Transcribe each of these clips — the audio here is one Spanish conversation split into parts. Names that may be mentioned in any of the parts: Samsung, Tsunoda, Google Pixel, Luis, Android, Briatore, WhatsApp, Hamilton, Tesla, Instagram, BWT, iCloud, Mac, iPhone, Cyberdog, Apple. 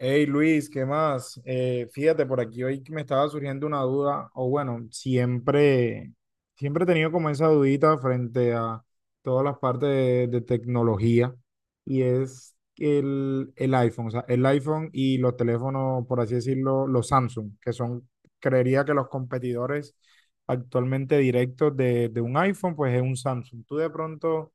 Hey Luis, ¿qué más? Fíjate, por aquí hoy que me estaba surgiendo una duda, o bueno, siempre he tenido como esa dudita frente a todas las partes de tecnología, y es el iPhone, o sea, el iPhone y los teléfonos, por así decirlo, los Samsung, que son, creería que los competidores actualmente directos de un iPhone, pues es un Samsung. Tú de pronto...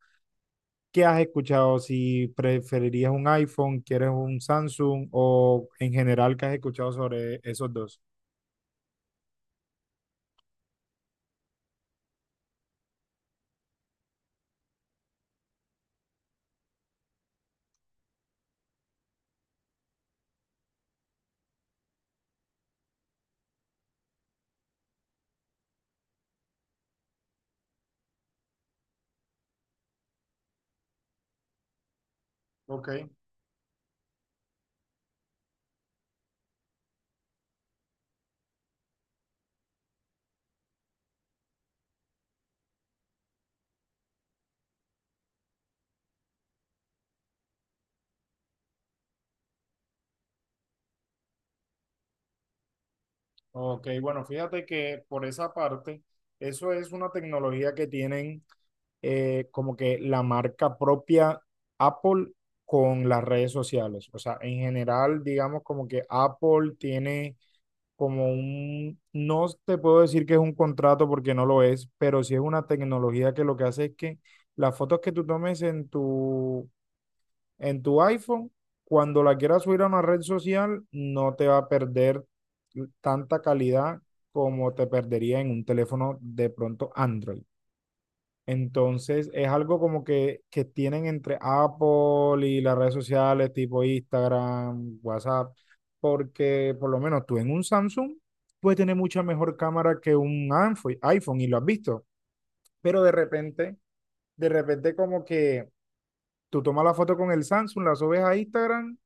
¿Qué has escuchado? Si preferirías un iPhone, quieres un Samsung o en general, ¿qué has escuchado sobre esos dos? Ok, ok, bueno, fíjate que por esa parte, eso es una tecnología que tienen como que la marca propia Apple con las redes sociales. O sea, en general, digamos como que Apple tiene como un, no te puedo decir que es un contrato porque no lo es, pero sí es una tecnología que lo que hace es que las fotos que tú tomes en tu iPhone, cuando la quieras subir a una red social, no te va a perder tanta calidad como te perdería en un teléfono de pronto Android. Entonces es algo como que tienen entre Apple y las redes sociales tipo Instagram, WhatsApp, porque por lo menos tú en un Samsung puedes tener mucha mejor cámara que un iPhone, iPhone y lo has visto, pero de repente como que tú tomas la foto con el Samsung, la subes a Instagram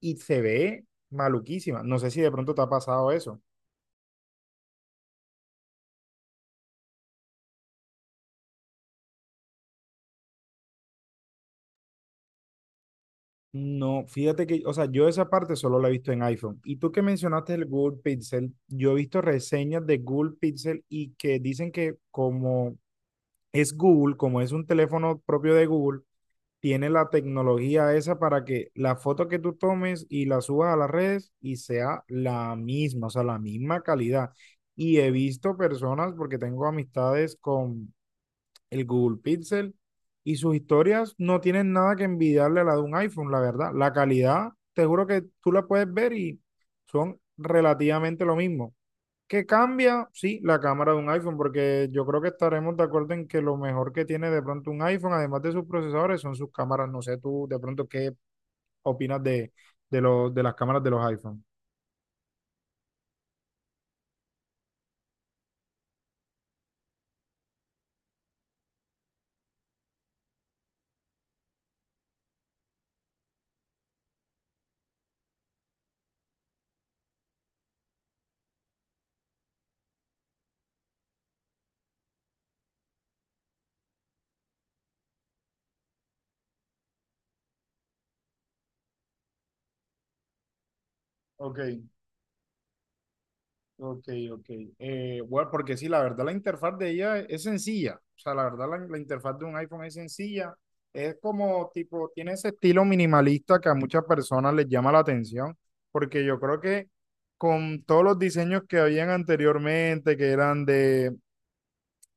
y se ve maluquísima. No sé si de pronto te ha pasado eso. No, fíjate que, o sea, yo esa parte solo la he visto en iPhone. Y tú que mencionaste el Google Pixel, yo he visto reseñas de Google Pixel y que dicen que como es Google, como es un teléfono propio de Google, tiene la tecnología esa para que la foto que tú tomes y la subas a las redes y sea la misma, o sea, la misma calidad. Y he visto personas, porque tengo amistades con el Google Pixel y sus historias no tienen nada que envidiarle a la de un iPhone, la verdad. La calidad, te juro que tú la puedes ver y son relativamente lo mismo. ¿Qué cambia? Sí, la cámara de un iPhone, porque yo creo que estaremos de acuerdo en que lo mejor que tiene de pronto un iPhone, además de sus procesadores, son sus cámaras. No sé tú de pronto qué opinas de las cámaras de los iPhone. Ok. Ok, ok. Bueno, porque sí, la verdad la interfaz de ella es sencilla. O sea, la verdad la interfaz de un iPhone es sencilla. Es como tipo, tiene ese estilo minimalista que a muchas personas les llama la atención, porque yo creo que con todos los diseños que habían anteriormente, que eran de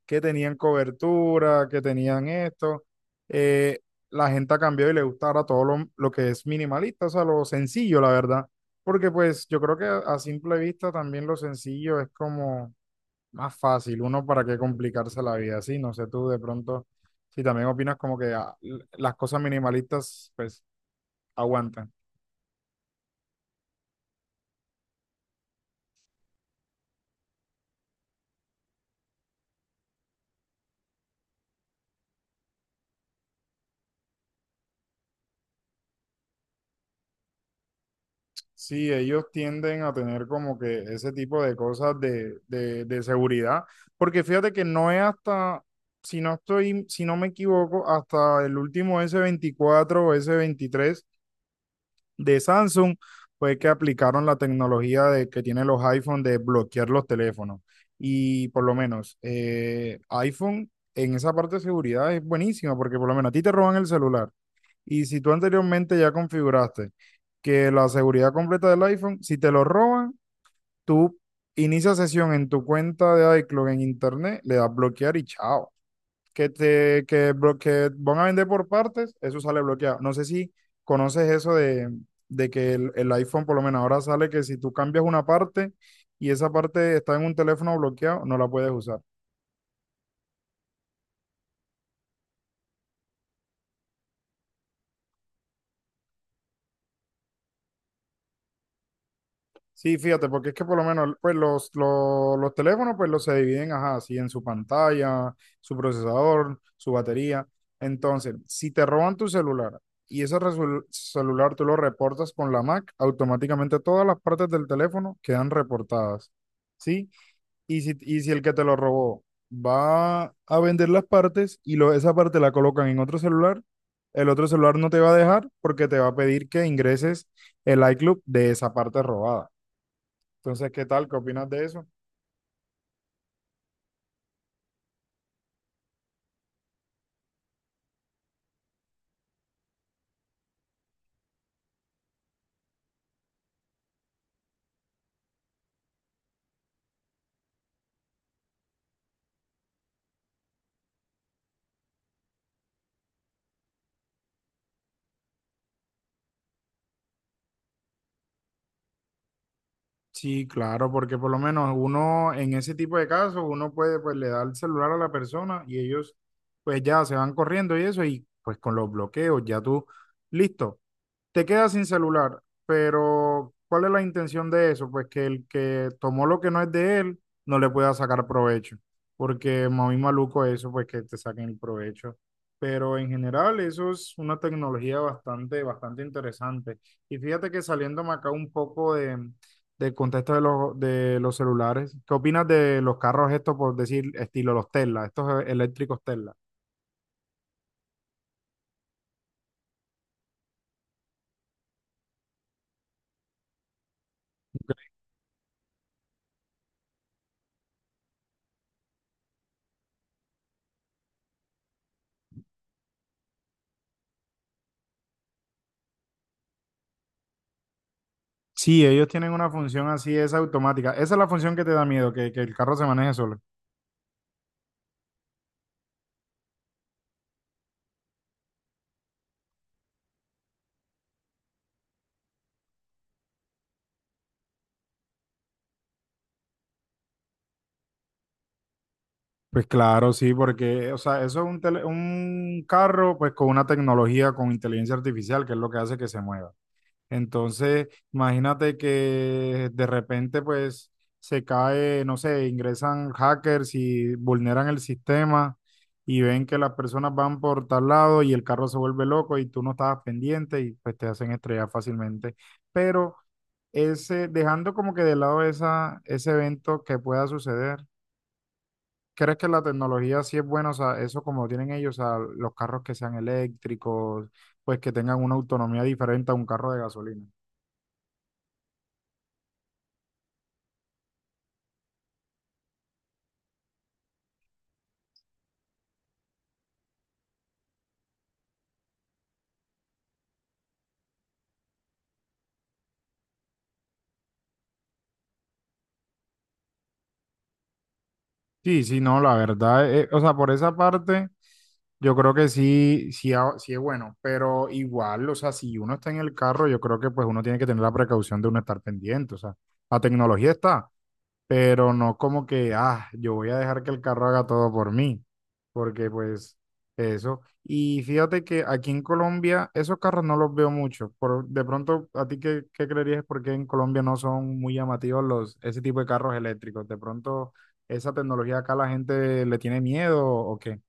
que tenían cobertura, que tenían esto. Eh, la gente ha cambiado y le gusta ahora todo lo que es minimalista, o sea, lo sencillo, la verdad. Porque pues yo creo que a simple vista también lo sencillo es como más fácil, uno para qué complicarse la vida, sí, no sé tú de pronto si también opinas como que ah, las cosas minimalistas pues aguantan. Sí, ellos tienden a tener como que ese tipo de cosas de seguridad, porque fíjate que no es hasta, si no estoy, si no me equivoco, hasta el último S24 o S23 de Samsung fue que aplicaron la tecnología de, que tienen los iPhone de bloquear los teléfonos. Y por lo menos iPhone en esa parte de seguridad es buenísima porque por lo menos a ti te roban el celular. Y si tú anteriormente ya configuraste que la seguridad completa del iPhone, si te lo roban, tú inicias sesión en tu cuenta de iCloud en internet, le das bloquear y chao que te que, que van a vender por partes, eso sale bloqueado. No sé si conoces eso de que el iPhone por lo menos ahora sale que si tú cambias una parte y esa parte está en un teléfono bloqueado, no la puedes usar. Sí, fíjate, porque es que por lo menos pues los teléfonos pues los se dividen, ajá, así en su pantalla, su procesador, su batería. Entonces, si te roban tu celular y ese celular tú lo reportas con la Mac, automáticamente todas las partes del teléfono quedan reportadas, ¿sí? Y si el que te lo robó va a vender las partes y lo, esa parte la colocan en otro celular, el otro celular no te va a dejar porque te va a pedir que ingreses el iCloud de esa parte robada. Entonces, ¿qué tal? ¿Qué opinas de eso? Sí, claro, porque por lo menos uno en ese tipo de casos, uno puede, pues le da el celular a la persona y ellos pues ya se van corriendo y eso, y pues con los bloqueos, ya tú, listo, te quedas sin celular, pero ¿cuál es la intención de eso? Pues que el que tomó lo que no es de él no le pueda sacar provecho, porque muy maluco eso, pues que te saquen el provecho. Pero en general eso es una tecnología bastante interesante. Y fíjate que saliéndome acá un poco de, del contexto de de los celulares, ¿qué opinas de los carros estos, por decir, estilo los Tesla, estos eléctricos Tesla? Sí, ellos tienen una función así, es automática. Esa es la función que te da miedo, que el carro se maneje solo. Pues claro, sí, porque, o sea, eso es un, un carro, pues con una tecnología, con inteligencia artificial, que es lo que hace que se mueva. Entonces, imagínate que de repente, pues, se cae, no sé, ingresan hackers y vulneran el sistema y ven que las personas van por tal lado y el carro se vuelve loco y tú no estabas pendiente y pues te hacen estrellar fácilmente. Pero ese, dejando como que de lado esa, ese evento que pueda suceder, ¿crees que la tecnología sí es buena? O sea, eso como lo tienen ellos, o sea, los carros que sean eléctricos, pues que tengan una autonomía diferente a un carro de gasolina. Sí, sí, no, la verdad, o sea, por esa parte, yo creo que sí es bueno, pero igual, o sea, si uno está en el carro, yo creo que pues uno tiene que tener la precaución de uno estar pendiente, o sea, la tecnología está, pero no como que, ah, yo voy a dejar que el carro haga todo por mí, porque pues eso. Y fíjate que aquí en Colombia esos carros no los veo mucho. Por, de pronto, ¿a ti qué creerías por qué en Colombia no son muy llamativos los, ese tipo de carros eléctricos? De pronto, ¿esa tecnología acá la gente le tiene miedo o qué?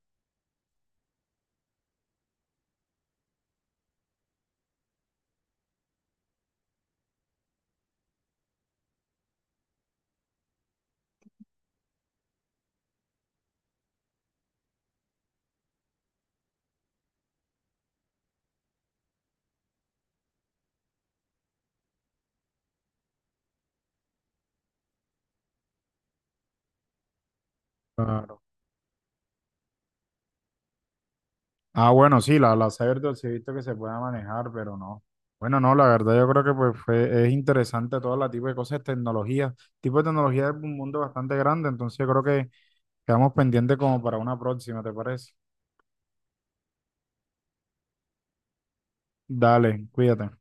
Ah, bueno, sí, la Cyberdog sí he visto que se puede manejar, pero no. Bueno, no, la verdad yo creo que pues es interesante todo la tipo de cosas, tecnología. Tipo de tecnología es un mundo bastante grande, entonces yo creo que quedamos pendientes como para una próxima, ¿te parece? Dale, cuídate.